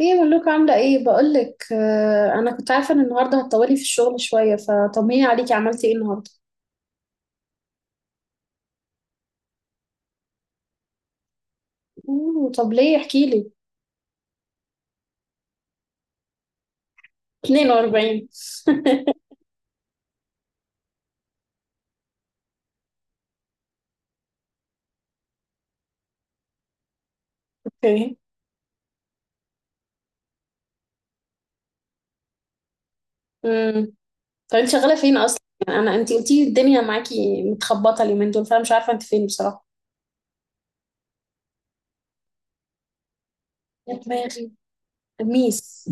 ايه ملوك، عاملة ايه؟ بقولك، انا كنت عارفة ان النهاردة هتطولي في الشغل شوية. فطمني عليكي، عملتي ايه النهاردة؟ أوه، طب ليه؟ احكيلي. 42. اوكي. امم طب انت شغالة فين اصلا؟ يعني انت قلتي الدنيا معاكي متخبطة اليومين دول، فانا مش عارفة انت فين بصراحة. يا دماغي. ميس.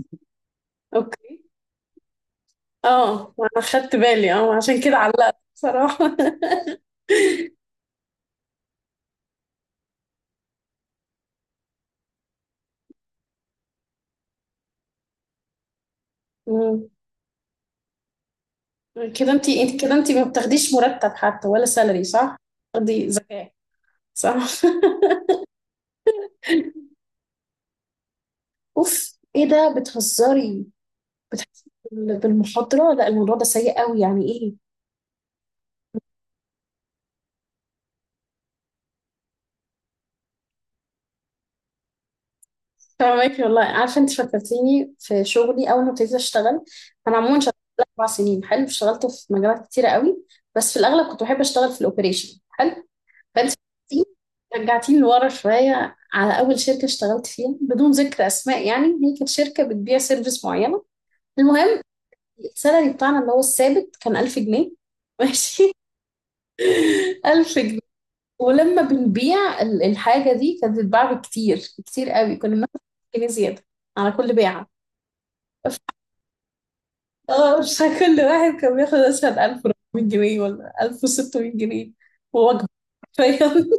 اوكي. اه انا خدت بالي، عشان كده علقت بصراحة. مم. كده انت ما بتاخديش مرتب حتى ولا سالري، صح؟ دي زكاة. صح؟ اوف، ايه ده؟ بتهزري؟ بتحسي بالمحاضرة؟ لا، الموضوع ده سيء قوي، يعني ايه. فاهمك، والله عارفة. انت فكرتيني في شغلي اول ما ابتديت اشتغل. انا عموما شغلت 4 سنين. حلو، اشتغلت في مجالات كتيرة قوي. بس في الاغلب كنت بحب اشتغل في الاوبريشن. حلو. فانت رجعتيني لورا شوية على اول شركة اشتغلت فيها، بدون ذكر اسماء، يعني هي كانت شركة بتبيع سيرفيس معينة. المهم، السالري بتاعنا اللي هو الثابت كان 1000 جنيه. ماشي. 1000 جنيه. ولما بنبيع الحاجة دي، كانت بتتباع بكتير. كتير قوي. كنا بناخد جنيه زيادة على كل بيعة. ف- اه مش كل واحد كان بياخد مثلا 1400 جنيه ولا 1600 جنيه ووجبة. فاهم؟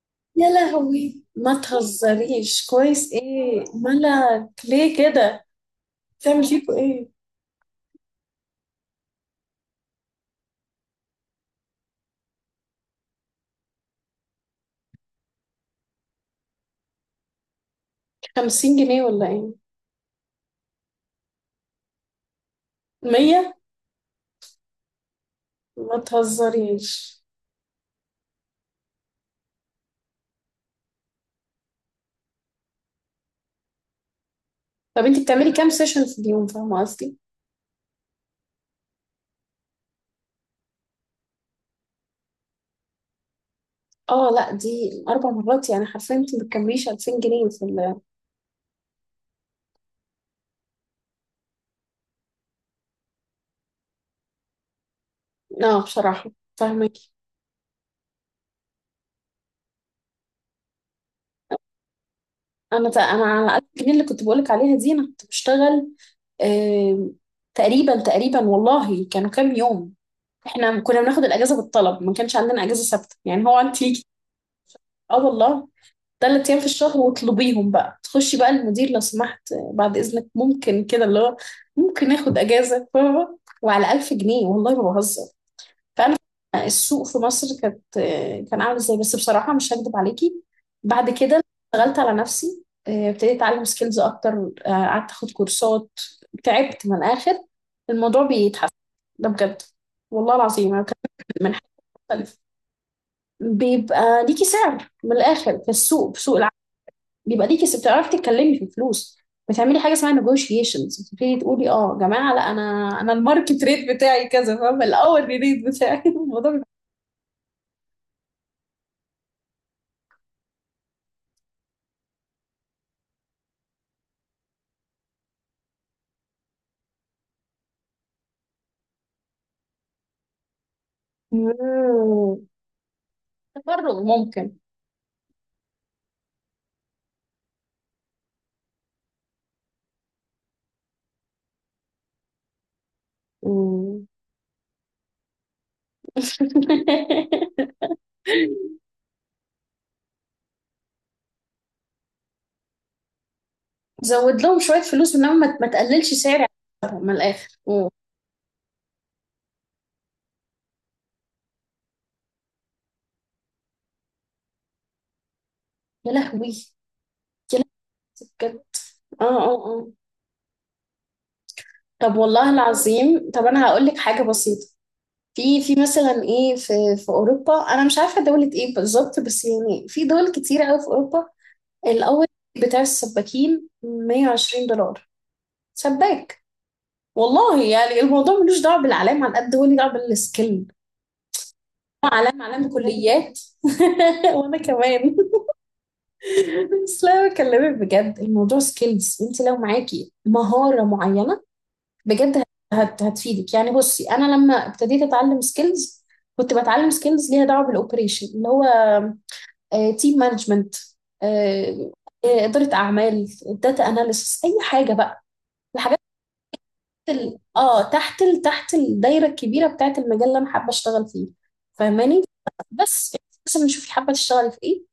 يا لهوي، ما تهزريش كويس. ايه مالك؟ ليه كده؟ تعمل فيكوا ايه؟ 50 جنيه ولا ايه؟ 100. ما تهزريش. طب انت بتعملي كام سيشن في اليوم؟ فاهمة قصدي. اه لا، دي 4 مرات، يعني حرفيا انت ما بتكمليش 2000 جنيه في ال... اه بصراحه. فاهمك. انا على 1000 جنيه اللي كنت بقولك عليها دي انا كنت بشتغل. آه... تقريبا تقريبا، والله كانوا كام يوم؟ احنا كنا بناخد الاجازه بالطلب، ما كانش عندنا اجازه ثابته، يعني هو انت... اه، والله. 3 ايام في الشهر واطلبيهم بقى، تخشي بقى المدير لو سمحت، بعد اذنك ممكن كده اللي هو ممكن ناخد اجازه؟ فاهمة؟ وعلى 1000 جنيه، والله ما بهزر. فانا، السوق في مصر كانت... كان عامل ازاي بس، بصراحه مش هكدب عليكي. بعد كده اشتغلت على نفسي، ابتديت اتعلم سكيلز اكتر. قعدت اخد كورسات. تعبت من الاخر. الموضوع بيتحسن، ده بجد. والله العظيم انا بتكلم من حاجه مختلفه. بيبقى ليكي سعر من الاخر في السوق، في سوق العمل. بيبقى ليكي بتعرفي تتكلمي في الفلوس. بتعملي حاجه اسمها negotiations، بتبتدي تقولي يا جماعه، لا انا، انا الماركت ريت بتاعي كذا، فاهمه. الاول ريت بتاعي. الموضوع. مم. تفرغ ممكن. مم. زود لهم شوية فلوس، انما ما تقللش سعري. من الآخر. أوه. يا لهوي. يا لهوي. بجد. اه، اه، اه. طب والله العظيم، طب انا هقول لك حاجة بسيطة. في مثلا ايه في... في اوروبا، انا مش عارفة دولة ايه بالظبط بس يعني في دول كتيرة قوي في اوروبا. الاول بتاع السباكين 120 دولار. سباك. والله يعني الموضوع ملوش دعوة بالعلام، على قد هو ليه دعوة بالسكيل. علام علام كليات. وانا كمان. بس لا، أنا بكلمك بجد، الموضوع سكيلز. انت لو معاكي مهارة معينة، بجد هتفيدك. يعني بصي، انا لما ابتديت اتعلم سكيلز، كنت بتعلم سكيلز ليها دعوة بالاوبريشن اللي هو تيم مانجمنت، إدارة اعمال، داتا اناليسس، اي حاجة بقى. ال... اه تحت ال... تحت الدايره الكبيره بتاعه المجال اللي انا حابه اشتغل فيه. فاهماني؟ بس مثلا شوفي حابه تشتغلي في ايه،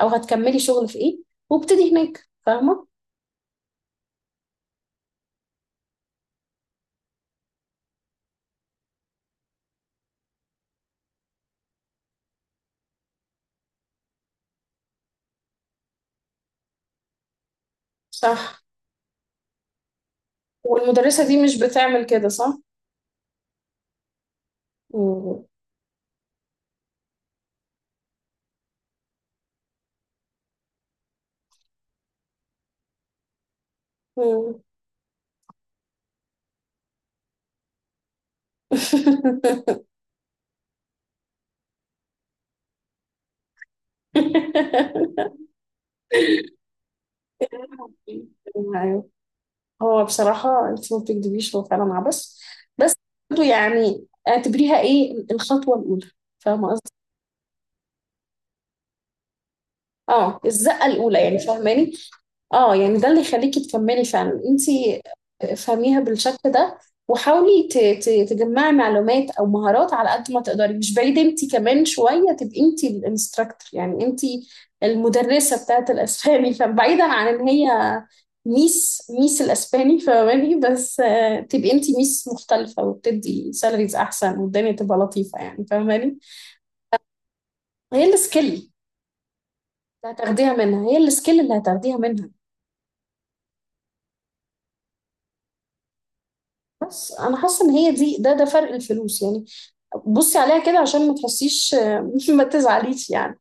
او هتكملي شغل في ايه، وابتدي هناك. فاهمه؟ صح. والمدرسة دي مش بتعمل كده، صح؟ مم. مم. أيوة. هو بصراحة انت ما بتكدبيش، هو فعلا عبث. بس برضه يعني اعتبريها ايه، الخطوة الأولى. فاهمة قصدي؟ اه، الزقه الاولى يعني، فاهماني. اه يعني ده اللي يخليكي تكملي فعلا انتي. افهميها بالشكل ده، وحاولي تجمعي معلومات او مهارات على قد ما تقدري. مش بعيد انتي كمان شويه تبقي انتي الانستراكتور، يعني انتي المدرسه بتاعت الاسباني. فبعيدا عن ان هي ميس، ميس الاسباني، فاهماني؟ بس تبقي انتي ميس مختلفه وبتدي سالاريز احسن، والدنيا تبقى لطيفه، يعني فاهماني. هي السكيل اللي هتاخديها منها. هي السكيل اللي هتاخديها منها. بس انا حاسه ان هي دي ده فرق الفلوس، يعني بصي عليها كده عشان ما تحسيش، ما تزعليش يعني.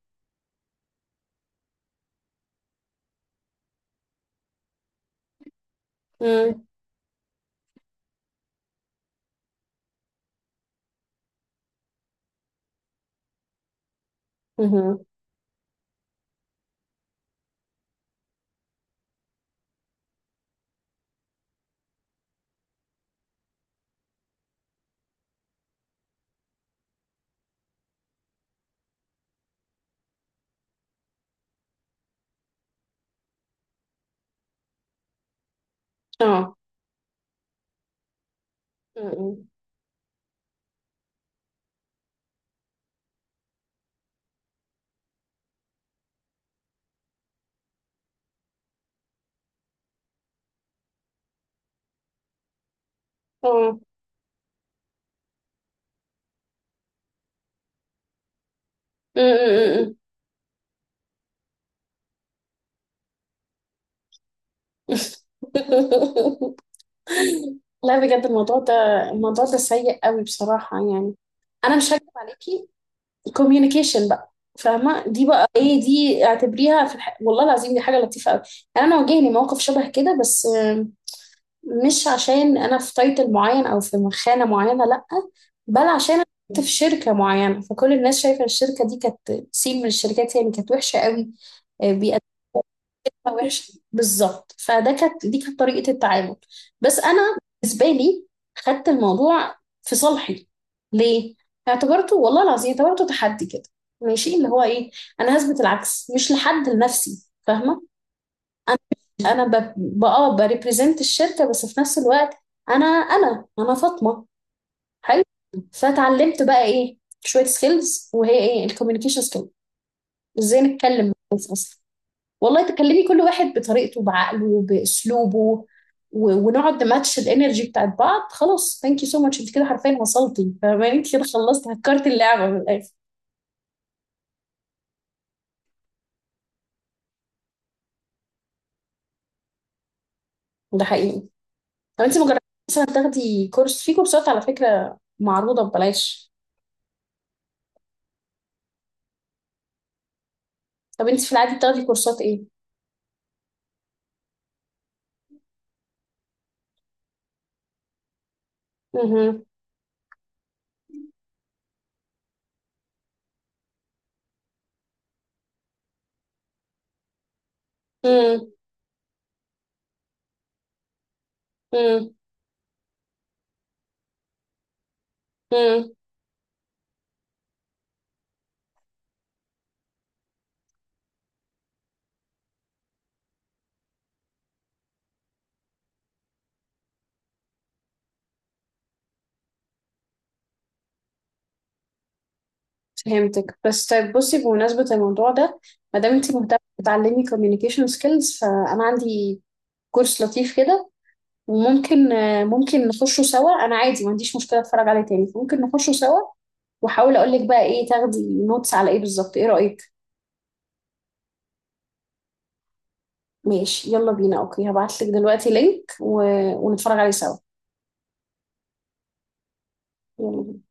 امم. امم. اه. امم. اه. امم. لا بجد، الموضوع ده، الموضوع ده سيء قوي بصراحه، يعني انا مش هكذب عليكي. كوميونيكيشن بقى، فاهمه؟ دي بقى ايه؟ دي اعتبريها في والله العظيم دي حاجه لطيفه قوي. يعني انا واجهني موقف شبه كده، بس مش عشان انا في تايتل معين او في مخانه معينه، لا، بل عشان انا كنت في شركه معينه، فكل الناس شايفه الشركه دي كانت سين من الشركات، يعني كانت وحشه قوي. بيقدمها وحش بالظبط. فده كانت دي كانت طريقه التعامل. بس انا، بالنسبه لي، خدت الموضوع في صالحي. ليه؟ اعتبرته، والله العظيم اعتبرته تحدي كده. ماشي، اللي هو ايه، انا هثبت العكس، مش لحد، لنفسي، فاهمه. انا، بريبريزنت الشركه، بس في نفس الوقت انا فاطمه. حلو. فتعلمت بقى ايه شويه سكيلز، وهي ايه الكوميونيكيشن سكيلز، ازاي نتكلم مع الناس اصلا. والله تكلمي كل واحد بطريقته، بعقله، باسلوبه، ونقعد نماتش الانرجي بتاعت بعض. خلاص، ثانك يو سو ماتش، انت كده حرفيا وصلتي، فاهماني؟ انت كده خلصتي، هكرت اللعبه من الاخر. ده حقيقي. طب انت مجرد مثلا تاخدي كورس، في كورسات على فكره معروضه ببلاش. طب انت في العادي بتاخدي كورسات ايه؟ مهم. مم. مم. مم. فهمتك. بس طيب بصي، بمناسبة الموضوع ده، ما دام انت مهتمة بتعلمي communication skills، فأنا عندي كورس لطيف كده، وممكن آه، ممكن نخشه سوا. أنا عادي، ما عنديش مشكلة أتفرج عليه تاني، فممكن نخشه سوا، وأحاول أقول لك بقى إيه تاخدي نوتس على إيه بالظبط. إيه رأيك؟ ماشي، يلا بينا. أوكي، هبعت لك دلوقتي لينك، ونتفرج عليه سوا. يلا بينا.